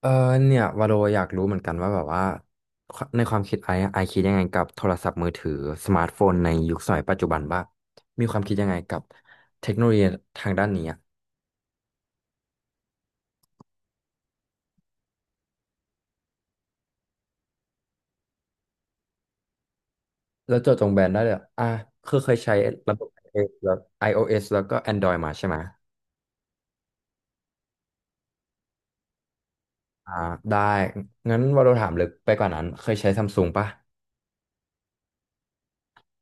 เออเนี่ยวาโลอยากรู้เหมือนกันว่าแบบว่าในความคิดไอ้ไอะไอคิดยังไงกับโทรศัพท์มือถือสมาร์ทโฟนในยุคสมัยปัจจุบันบ้างมีความคิดยังไงกับเทคโนโลยีทางด้านนี้อะแล้วเจาะจงแบรนด์ได้เลยอะอ่ะคือเคยใช้ระบบ iOS แล้ว iOS แล้วก็ Android มาใช่ไหมอ่าได้งั้นวาโลถามลึกไปกว่านั้นเคยใช้ซัมซุงปะ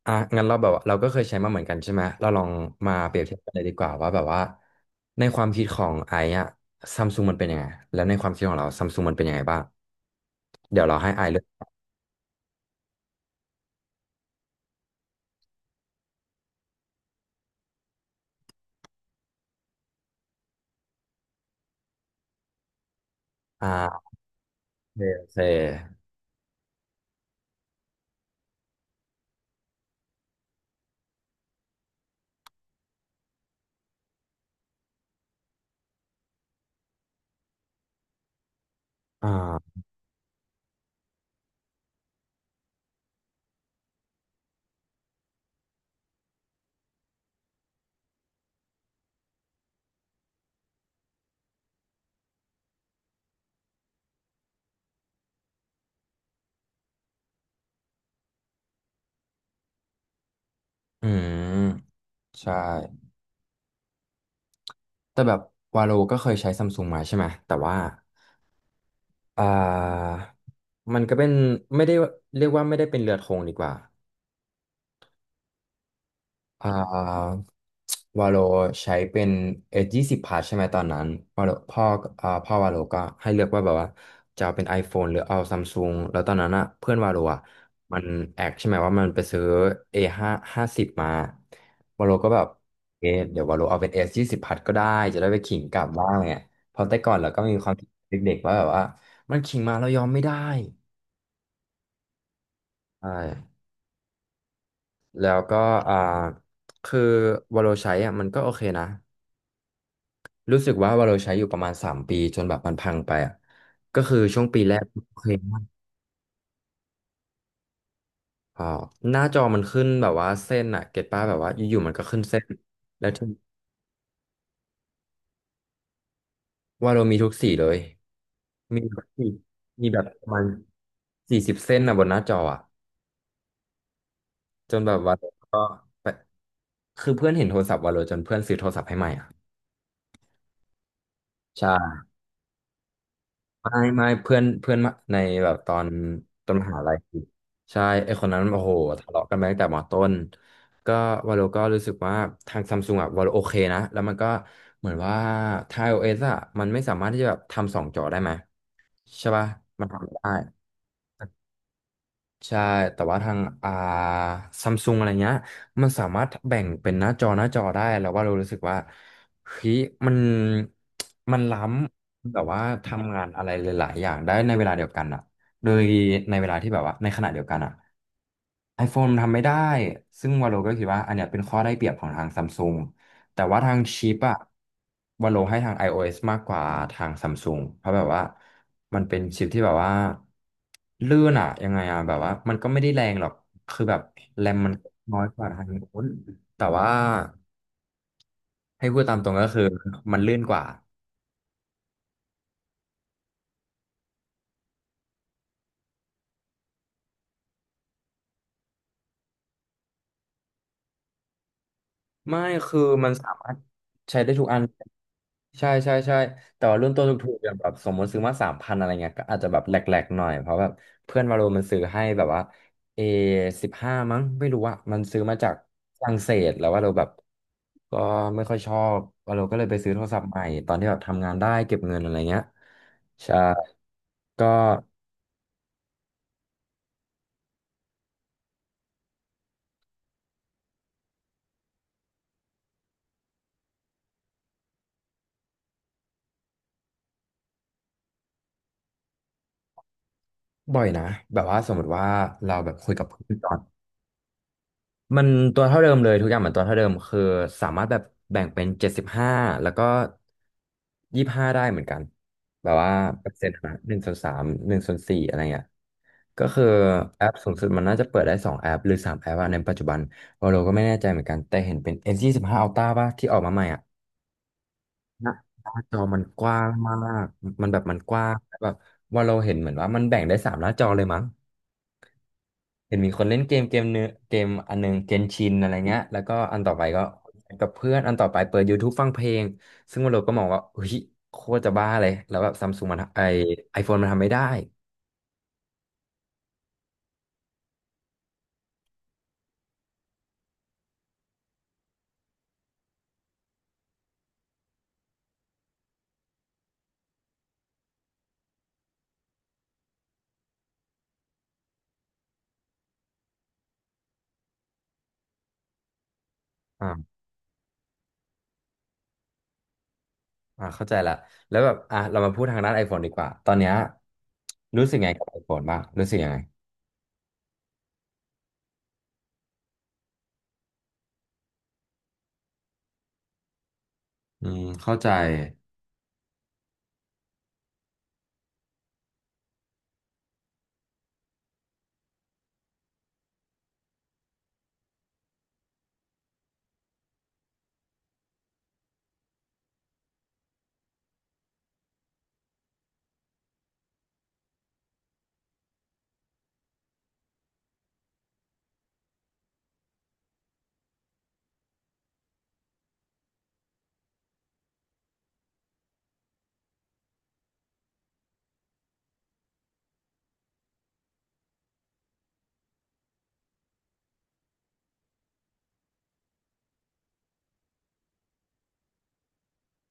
อ่ะงั้นเราแบบว่าเราก็เคยใช้มาเหมือนกันใช่ไหมเราลองมาเปรียบเทียบกันเลยดีกว่าว่าแบบว่าในความคิดของไอ้อะซัมซุงมันเป็นยังไงแล้วในความคิดของเราซัมซุงมันเป็นยังไงบ้างเดี๋ยวเราให้ไอซ์เลือกอ่าโอเคโอเคอ่าอืมใช่แต่แบบวาโลก็เคยใช้ซัมซุงมาใช่ไหมแต่ว่าอ่ามันก็เป็นไม่ได้เรียกว่าไม่ได้เป็นเรือธงดีกว่า อ่าวาโลใช้เป็นเอยี่สิบพาร์ทใช่ไหมตอนนั้นวาโลพ่ออ่าพ่อวาโลก็ให้เลือกว่าแบบว่าจะเอาเป็น iPhone หรือเอาซัมซุงแล้วตอนนั้นอ่ะเพื่อนวาโลอ่ะมันแอกใช่ไหมว่ามันไปซื้อ A50มาวาโลก็แบบเอะเดี๋ยววาโลเอาเป็น S20ก็ได้จะได้ไปขิงกลับบ้างเนี่ยเพราะแต่ก่อนเราก็มีความคิดเด็กๆว่าแบบว่ามันขิงมาเรายอมไม่ได้ใช่แล้วก็อ่าคือวาโลใช้อ่ะมันก็โอเคนะ รู้สึกว่าวาเราใช้อยู่ประมาณ3 ปีจนแบบมันพังไปอ่ะก็คือช่วงปีแรกโอเคมากอ๋อหน้าจอมันขึ้นแบบว่าเส้นอ่ะเก็ตป้าแบบว่าอยู่ๆมันก็ขึ้นเส้นแล้วที่ว่าเรามีทุกสีเลยมีแบบสี่มีแบบประมาณ40 เส้นนะบนหน้าจออ่ะจนแบบว่าก็ไปคือเพื่อนเห็นโทรศัพท์วาโลจนเพื่อนซื้อโทรศัพท์ให้ใหม่อ่ะใช่ ไม่เพื่อนเพื่อนมาในแบบตอนมหาลัยใช่ไอคนนั้นโอ้โหทะเลาะกันมาตั้งแต่มต้นก็วาโลก็รู้สึกว่าทางซัมซุงอะวาโลโอเคนะแล้วมันก็เหมือนว่าทาง iOS อะมันไม่สามารถที่จะแบบทำ2 จอได้ไหมใช่ป่ะมันทำไม่ได้ ใช่ แต่ว่าทางอ่าซัมซุงอะไรเงี้ย มันสามารถแบ่งเป็นหน้าจอหน้าจอได้ แล้วว่าเรารู้สึกว่าเฮ้ยมันมันล้ำแบบว่าทำงานอะไรหลายๆอย่างได้ในเวลาเดียวกันอะโดยในเวลาที่แบบว่าในขณะเดียวกันอะ iPhone ทำไม่ได้ ซึ่งวาโลก็คิดว่าอันเนี้ยเป็นข้อได้เปรียบของทางซัมซุง แต่ว่าทางชิปอะวันโลให้ทาง iOS มากกว่าทางซัมซุงเพราะแบบว่ามันเป็นชิปที่แบบว่าลื่นอะยังไงอะแบบว่ามันก็ไม่ได้แรงหรอกคือแบบแรมมันน้อยกว่าทางโน้นแต่ว่าให้พูดตามตรงก็คือมันลื่นกว่า ไม่คือมันสามารถใช้ได้ทุกอันใช่แต่ว่ารุ่นตัวถูกๆอย่างแบบสมมติซื้อมา3,000อะไรเงี้ยก็อาจจะแบบแหลกๆหน่อยเพราะแบบเพื่อนวาโลมันซื้อให้แบบว่าA15มั้งไม่รู้อะมันซื้อมาจากฝรั่งเศสแล้วว่าเราแบบก็ไม่ค่อยชอบวาโลก็เลยไปซื้อโทรศัพท์ใหม่ตอนที่แบบทำงานได้เก็บเงินอะไรเงี้ยใช่ก็บ่อยนะแบบว่าสมมติว่าเราแบบคุยกับเพื่อนตอน มันตัวเท่าเดิมเลยทุกอย่างเหมือนตัวเท่าเดิมคือสามารถแบบแบ่งเป็น75แล้วก็25ได้เหมือนกันแบบว่า%นะ1/31/4อะไรเงี้ยก็คือแอปสูงสุดมันน่าจะเปิดได้2 แอปหรือ3 แอปอะในปัจจุบันเราก็ไม่แน่ใจเหมือนกันแต่เห็นเป็น S25 Ultra ป่ะที่ออกมาใหม่อ่ะหน้าหน้าจอมันกว้างมากมันแบบมันกว้างแบบว่าเราเห็นเหมือนว่ามันแบ่งได้3 หน้าจอเลยมั้ง เห็นมีคนเล่นเกมเกมเนื้อเกมอันหนึงเกนชินอะไรเงี้ยแล้วก็อันต่อไปก็กับเพื่อนอันต่อไปเปิด YouTube ฟังเพลงซึ่งวันเราก็มองว่าเฮ้ยโคตรจะบ้าเลยแล้วแบบซัมซุงมันไอไอโฟนมันทำไม่ได้อ่าอ่าเข้าใจละแล้วแบบอ่ะเรามาพูดทางด้าน iPhone ดีกว่าตอนเนี้ยรู้สึกไงกับ iPhone บ้างรู้สึกยังไงอืมเข้าใจ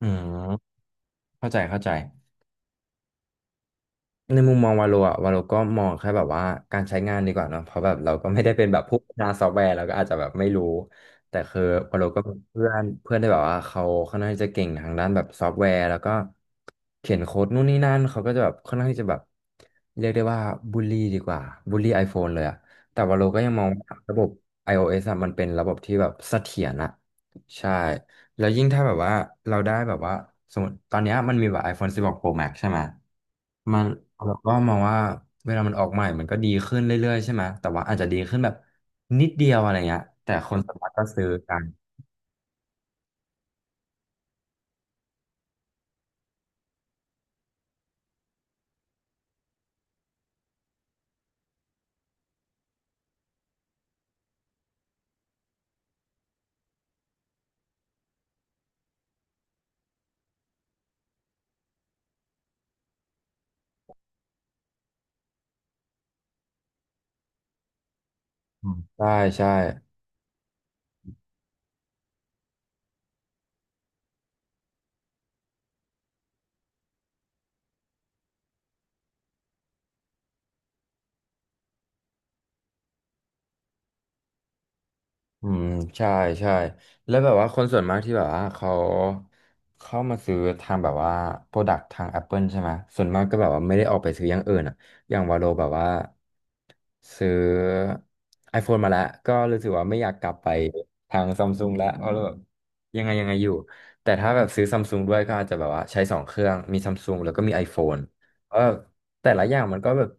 อืมเข้าใจเข้าใจ ในมุมมองวาโลก็มองแค่แบบว่าการใช้งานดีกว่าเนาะเพราะแบบเราก็ไม่ได้เป็นแบบผู้พัฒนาซอฟต์แวร์เราก็อาจจะแบบไม่รู้แต่คือวาโลก็มีเพื่อนเพื่อนที่แบบว่าเขาค่อนข้างที่จะเก่งทางด้านแบบซอฟต์แวร์แล้วก็เขียนโค้ดนู่นนี่นั่นเขาก็จะแบบค่อนข้างที่จะแบบเรียกได้ว่าบูลลี่ดีกว่าบูลลี่ iPhone เลยอะแต่วาโลก็ยังมองว่าระบบ iOS อะมันเป็นระบบที่แบบเสถียรอะใช่ แล้วยิ่งถ้าแบบว่าเราได้แบบว่าสมมติตอนเนี้ยมันมีแบบ iPhone 16 Pro Max ใช่ไหมมันเราก็มองว่าเวลามันออกใหม่มันก็ดีขึ้นเรื่อยๆใช่ไหมแต่ว่าอาจจะดีขึ้นแบบนิดเดียวอะไรเงี้ยแต่คนสามารถก็ซื้อกันอืมใช่ใช่ อืมใช่ใช่แล้วแบบว่าคนส่วนมากที่แบบว่าเขาเข้ามาซื้อทางแบบว่าโปรดักต์ทาง Apple ใช่ไหมส่วนมากก็แบบว่าไม่ได้ออกไปซื้ออย่างอื่นอ่ะอย่างวาโลแบบว่าซื้อ iPhone มาแล้วก็รู้สึกว่าไม่อยากกลับไปทางซัมซุงแล้วเพราะเราแบบยังไงยังไงอยู่แต่ถ้าแบบซื้อซัมซุงด้วยก็อาจจะแบบว่าใช้สองเครื่องมีซัมซุงแล้วก็มี iPhone เพราะแบบแต่ละอย่างมันก็แบบ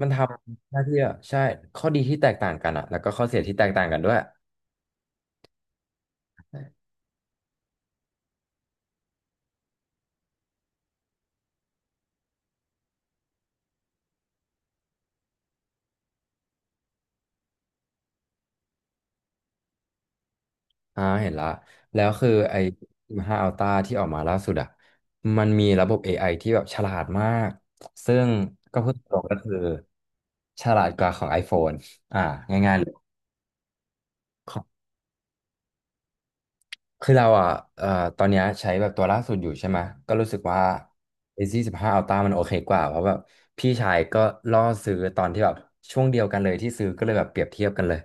มันทำ หน้าที่อ่ะใช่ข้อดีที่แตกต่างกันอ่ะแล้วก็ข้อเสียที่แตกต่างกันด้วยอ่าเห็นละแล้วคือไอ้1า Ultra ที่ออกมาล่าสุดอ่ะมันมีระบบ AI ที่แบบฉลาดมากซึ่งก็พูดตรงก็คือฉลาดกว่าของ iPhone อ่าง่ายๆเลย คือเราอ่ะเอ่อตอนเนี้ยใช้แบบตัวล่าสุดอยู่ใช่ไหมก็รู้สึกว่า r a บห15 Ultra มันโอเคกว่าเพราะแบบพี่ชายก็ล่อซื้อตอนที่แบบช่วงเดียวกันเลยที่ซื้อก็เลยแบบเปรียบเทียบกันเลย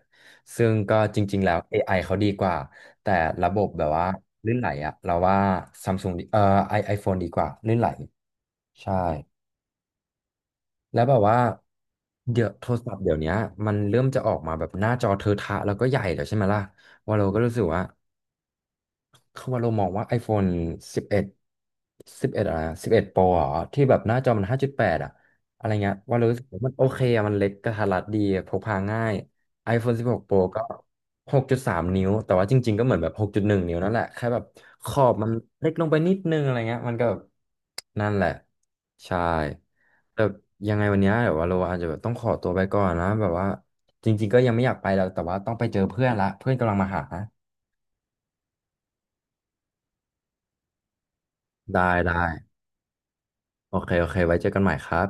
ซึ่งก็จริงๆแล้ว AI เขาดีกว่าแต่ระบบแบบว่าลื่นไหลอ่ะเราว่า Samsung ดีไอโฟนดีกว่าลื่นไหลใช่แล้วแบบว่าเดี๋ยวโทรศัพท์เดี๋ยวเนี้ยมันเริ่มจะออกมาแบบหน้าจอเทอะทะแล้วก็ใหญ่แล้วใช่ไหมล่ะว่าเราก็รู้สึกว่า คือว่าเรามองว่า iPhone 11บเอดสิบเอ็ดอะไรอะ11 Pro เหรอที่แบบหน้าจอมัน5.8อ่ะอะไรเงี้ยว่าเรารู้สึกว่ามันโอเคอะมันเล็กกระทัดรัดดีพกพาง่าย iPhone 16 Pro ก็6.3นิ้วแต่ว่าจริงๆก็เหมือนแบบ6.1นงนิ้วนั่นแหละแค่แบบขอบมันเล็กลงไปนิดนึงอะไรเงี้ยมันก็แบบนั่นแหละใช่แต่ยังไงวันเนี้ยเดี๋ยวว่าเราอาจจะแบบต้องขอตัวไปก่อนนะแบบว่าจริงๆก็ยังไม่อยากไปแล้วแต่ว่าต้องไปเจอเพื่อนละเพื่อนกำลังมาหาได้ได้ โอเค โอเค ไว้เจอกันใหม่ครับ